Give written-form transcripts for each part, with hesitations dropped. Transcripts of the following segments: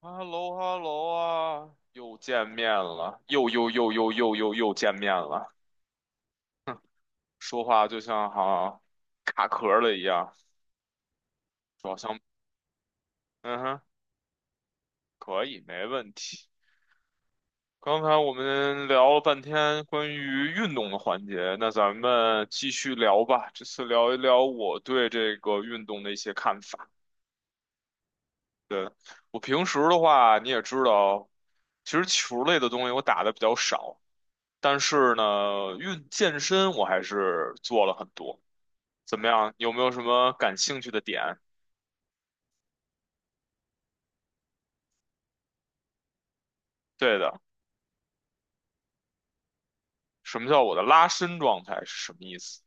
哈喽哈喽啊，又见面了，又见面了，说话就像好像卡壳了一样。主要像嗯哼，可以，没问题。刚才我们聊了半天关于运动的环节，那咱们继续聊吧。这次聊一聊我对这个运动的一些看法。对，我平时的话，你也知道，其实球类的东西我打的比较少。但是呢，运健身我还是做了很多。怎么样？有没有什么感兴趣的点？对的，什么叫我的拉伸状态是什么意思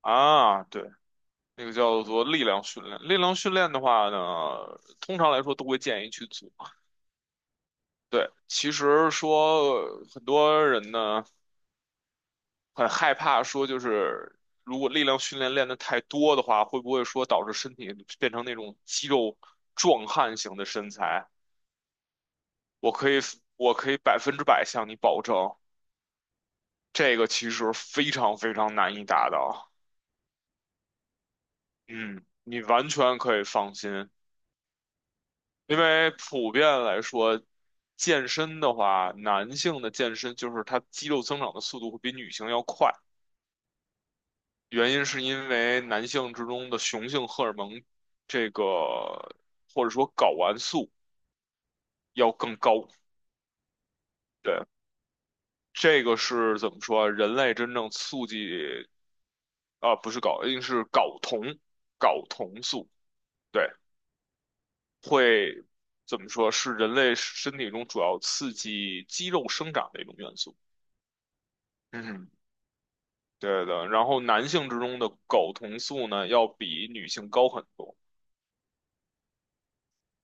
啊？对，那个叫做力量训练。力量训练的话呢，通常来说都会建议去做。对，其实说很多人呢很害怕说，就是如果力量训练练得太多的话，会不会说导致身体变成那种肌肉壮汉型的身材？我可以我可以百分之百向你保证，这个其实非常非常难以达到。嗯，你完全可以放心，因为普遍来说，健身的话，男性的健身就是他肌肉增长的速度会比女性要快，原因是因为男性之中的雄性荷尔蒙这个或者说睾丸素要更高。对，这个是怎么说啊，人类真正促进。啊，不是睾，一定是睾酮，睾酮素，对，会怎么说是人类身体中主要刺激肌肉生长的一种元素。嗯，对的。然后男性之中的睾酮素呢，要比女性高很多。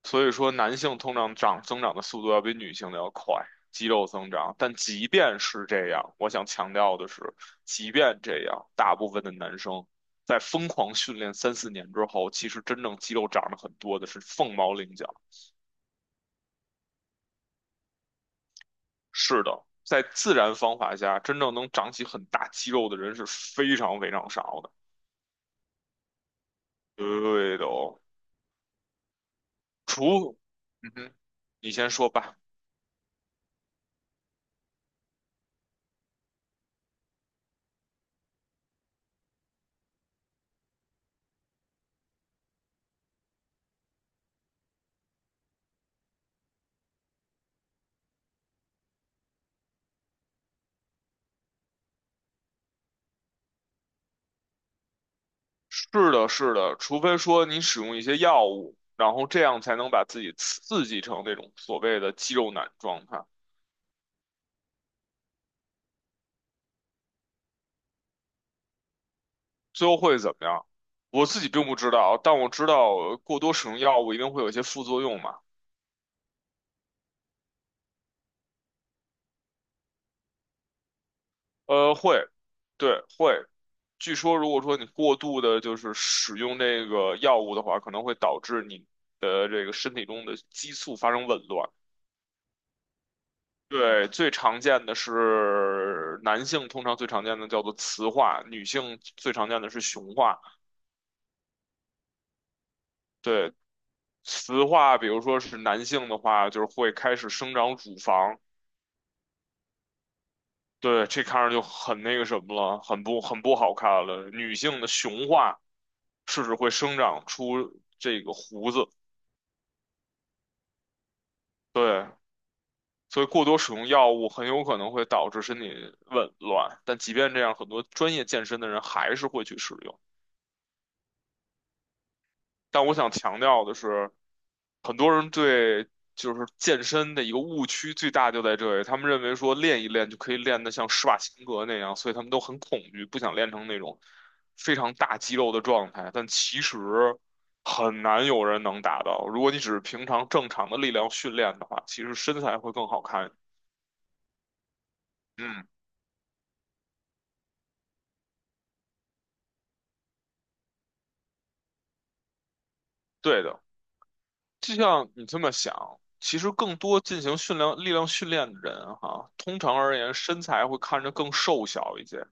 所以说，男性通常长增长的速度要比女性的要快，肌肉增长。但即便是这样，我想强调的是，即便这样，大部分的男生在疯狂训练三四年之后，其实真正肌肉长得很多的是凤毛麟角。是的，在自然方法下，真正能长起很大肌肉的人是非常非常少的。对的哦，除，嗯哼，你先说吧。是的，是的，除非说你使用一些药物，然后这样才能把自己刺激成那种所谓的肌肉男状态。最后会怎么样？我自己并不知道，但我知道过多使用药物一定会有一些副作用嘛。呃，会，对，会。据说如果说你过度的就是使用这个药物的话，可能会导致你的这个身体中的激素发生紊乱。对，最常见的是男性，通常最常见的叫做雌化，女性最常见的是雄化。对，雌化，比如说是男性的话，就是会开始生长乳房，对，这看着就很那个什么了，很不好看了。女性的雄化，是指会生长出这个胡子，对，所以过多使用药物很有可能会导致身体紊乱。但即便这样，很多专业健身的人还是会去使用。但我想强调的是，很多人对就是健身的一个误区最大就在这里，他们认为说练一练就可以练得像施瓦辛格那样，所以他们都很恐惧，不想练成那种非常大肌肉的状态。但其实很难有人能达到，如果你只是平常正常的力量训练的话，其实身材会更好看。嗯，对的，就像你这么想。其实更多进行训练力量训练的人哈，通常而言身材会看着更瘦小一些。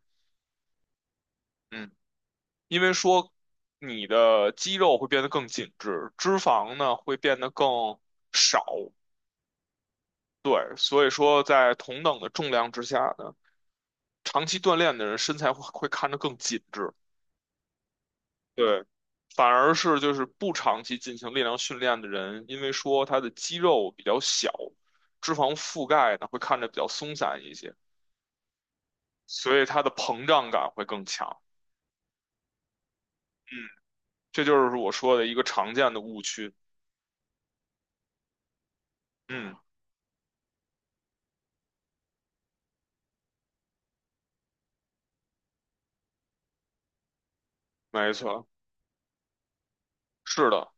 嗯，因为说你的肌肉会变得更紧致，脂肪呢会变得更少，对，所以说在同等的重量之下呢，长期锻炼的人身材会看着更紧致，对，反而是就是不长期进行力量训练的人，因为说他的肌肉比较小，脂肪覆盖呢会看着比较松散一些，所以它的膨胀感会更强，这就是我说的一个常见的误区。嗯，没错，是的。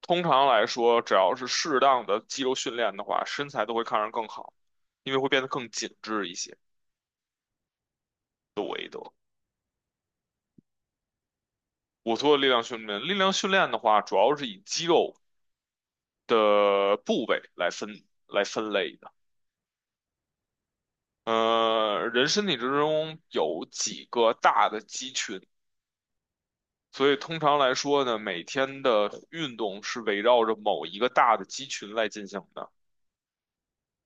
通常来说，只要是适当的肌肉训练的话，身材都会看上更好，因为会变得更紧致一些。的维德，我做力量训练，力量训练的话，主要是以肌肉的部位来分类的。人身体之中有几个大的肌群，所以通常来说呢，每天的运动是围绕着某一个大的肌群来进行的。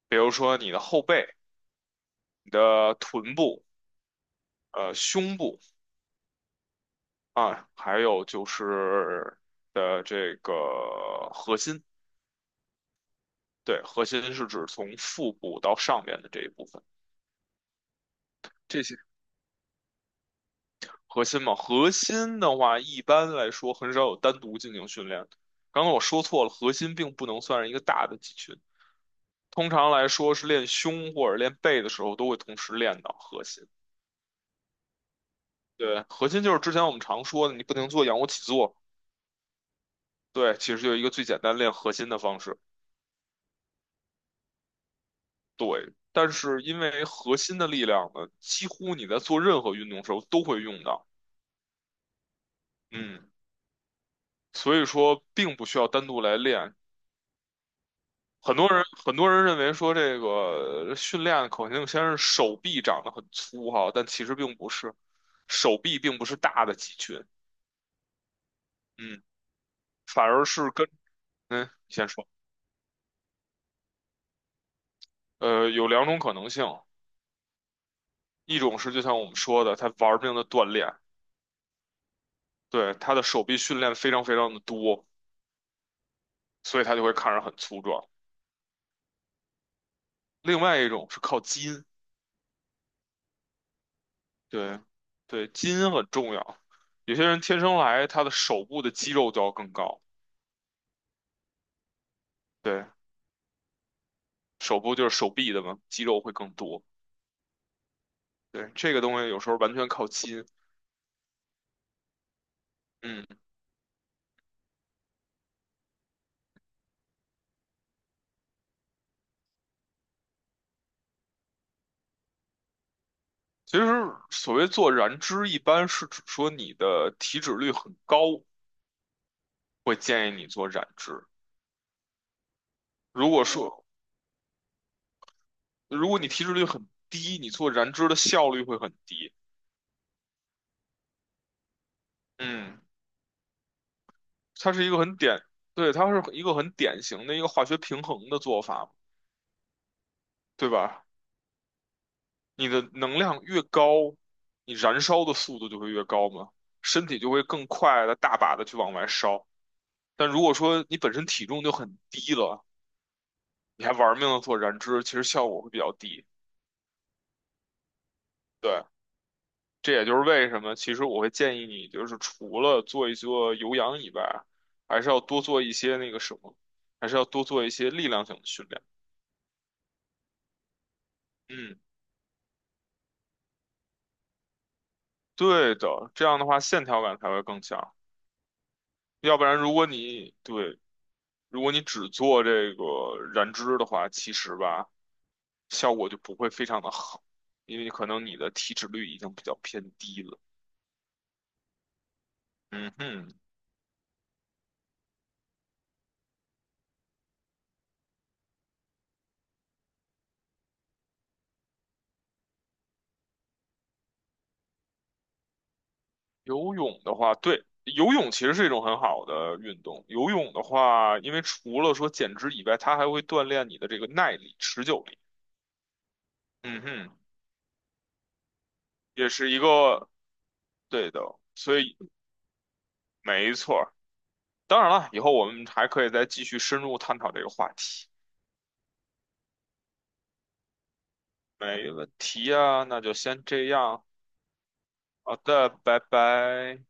比如说你的后背、你的臀部、胸部。啊，还有就是的这个核心，对，核心是指从腹部到上面的这一部分，这些核心嘛，核心的话一般来说很少有单独进行训练。刚刚我说错了，核心并不能算是一个大的肌群，通常来说是练胸或者练背的时候都会同时练到核心。对，核心就是之前我们常说的，你不停做仰卧起坐，对，其实就是一个最简单练核心的方式。对，但是因为核心的力量呢，几乎你在做任何运动时候都会用到，嗯，所以说并不需要单独来练。很多人认为说这个训练口径先是手臂长得很粗哈，但其实并不是，手臂并不是大的肌群，嗯，反而是跟嗯，你先说，有两种可能性，一种是就像我们说的，他玩命的锻炼，对，他的手臂训练非常非常的多，所以他就会看着很粗壮。另外一种是靠基因，对，对，基因很重要。有些人天生来，他的手部的肌肉就要更高，对，手部就是手臂的嘛，肌肉会更多。对，这个东西有时候完全靠基因。嗯，其实所谓做燃脂，一般是指说你的体脂率很高，会建议你做燃脂。如果说如果你体脂率很低，你做燃脂的效率会很低。嗯，它是一个很典，对，它是一个很典型的一个化学平衡的做法。对吧？你的能量越高，你燃烧的速度就会越高嘛，身体就会更快的大把的去往外烧。但如果说你本身体重就很低了，你还玩命的做燃脂，其实效果会比较低。对，这也就是为什么，其实我会建议你，就是除了做一做有氧以外，还是要多做一些那个什么，还是要多做一些力量性的训练。嗯，对的，这样的话线条感才会更强。要不然，如果你只做这个燃脂的话，其实吧，效果就不会非常的好，因为可能你的体脂率已经比较偏低了。嗯哼，游泳的话，对，游泳其实是一种很好的运动。游泳的话，因为除了说减脂以外，它还会锻炼你的这个耐力、持久力。嗯哼，也是一个对的，所以没错儿。当然了，以后我们还可以再继续深入探讨这个话题。没问题呀，那就先这样。好的，拜拜。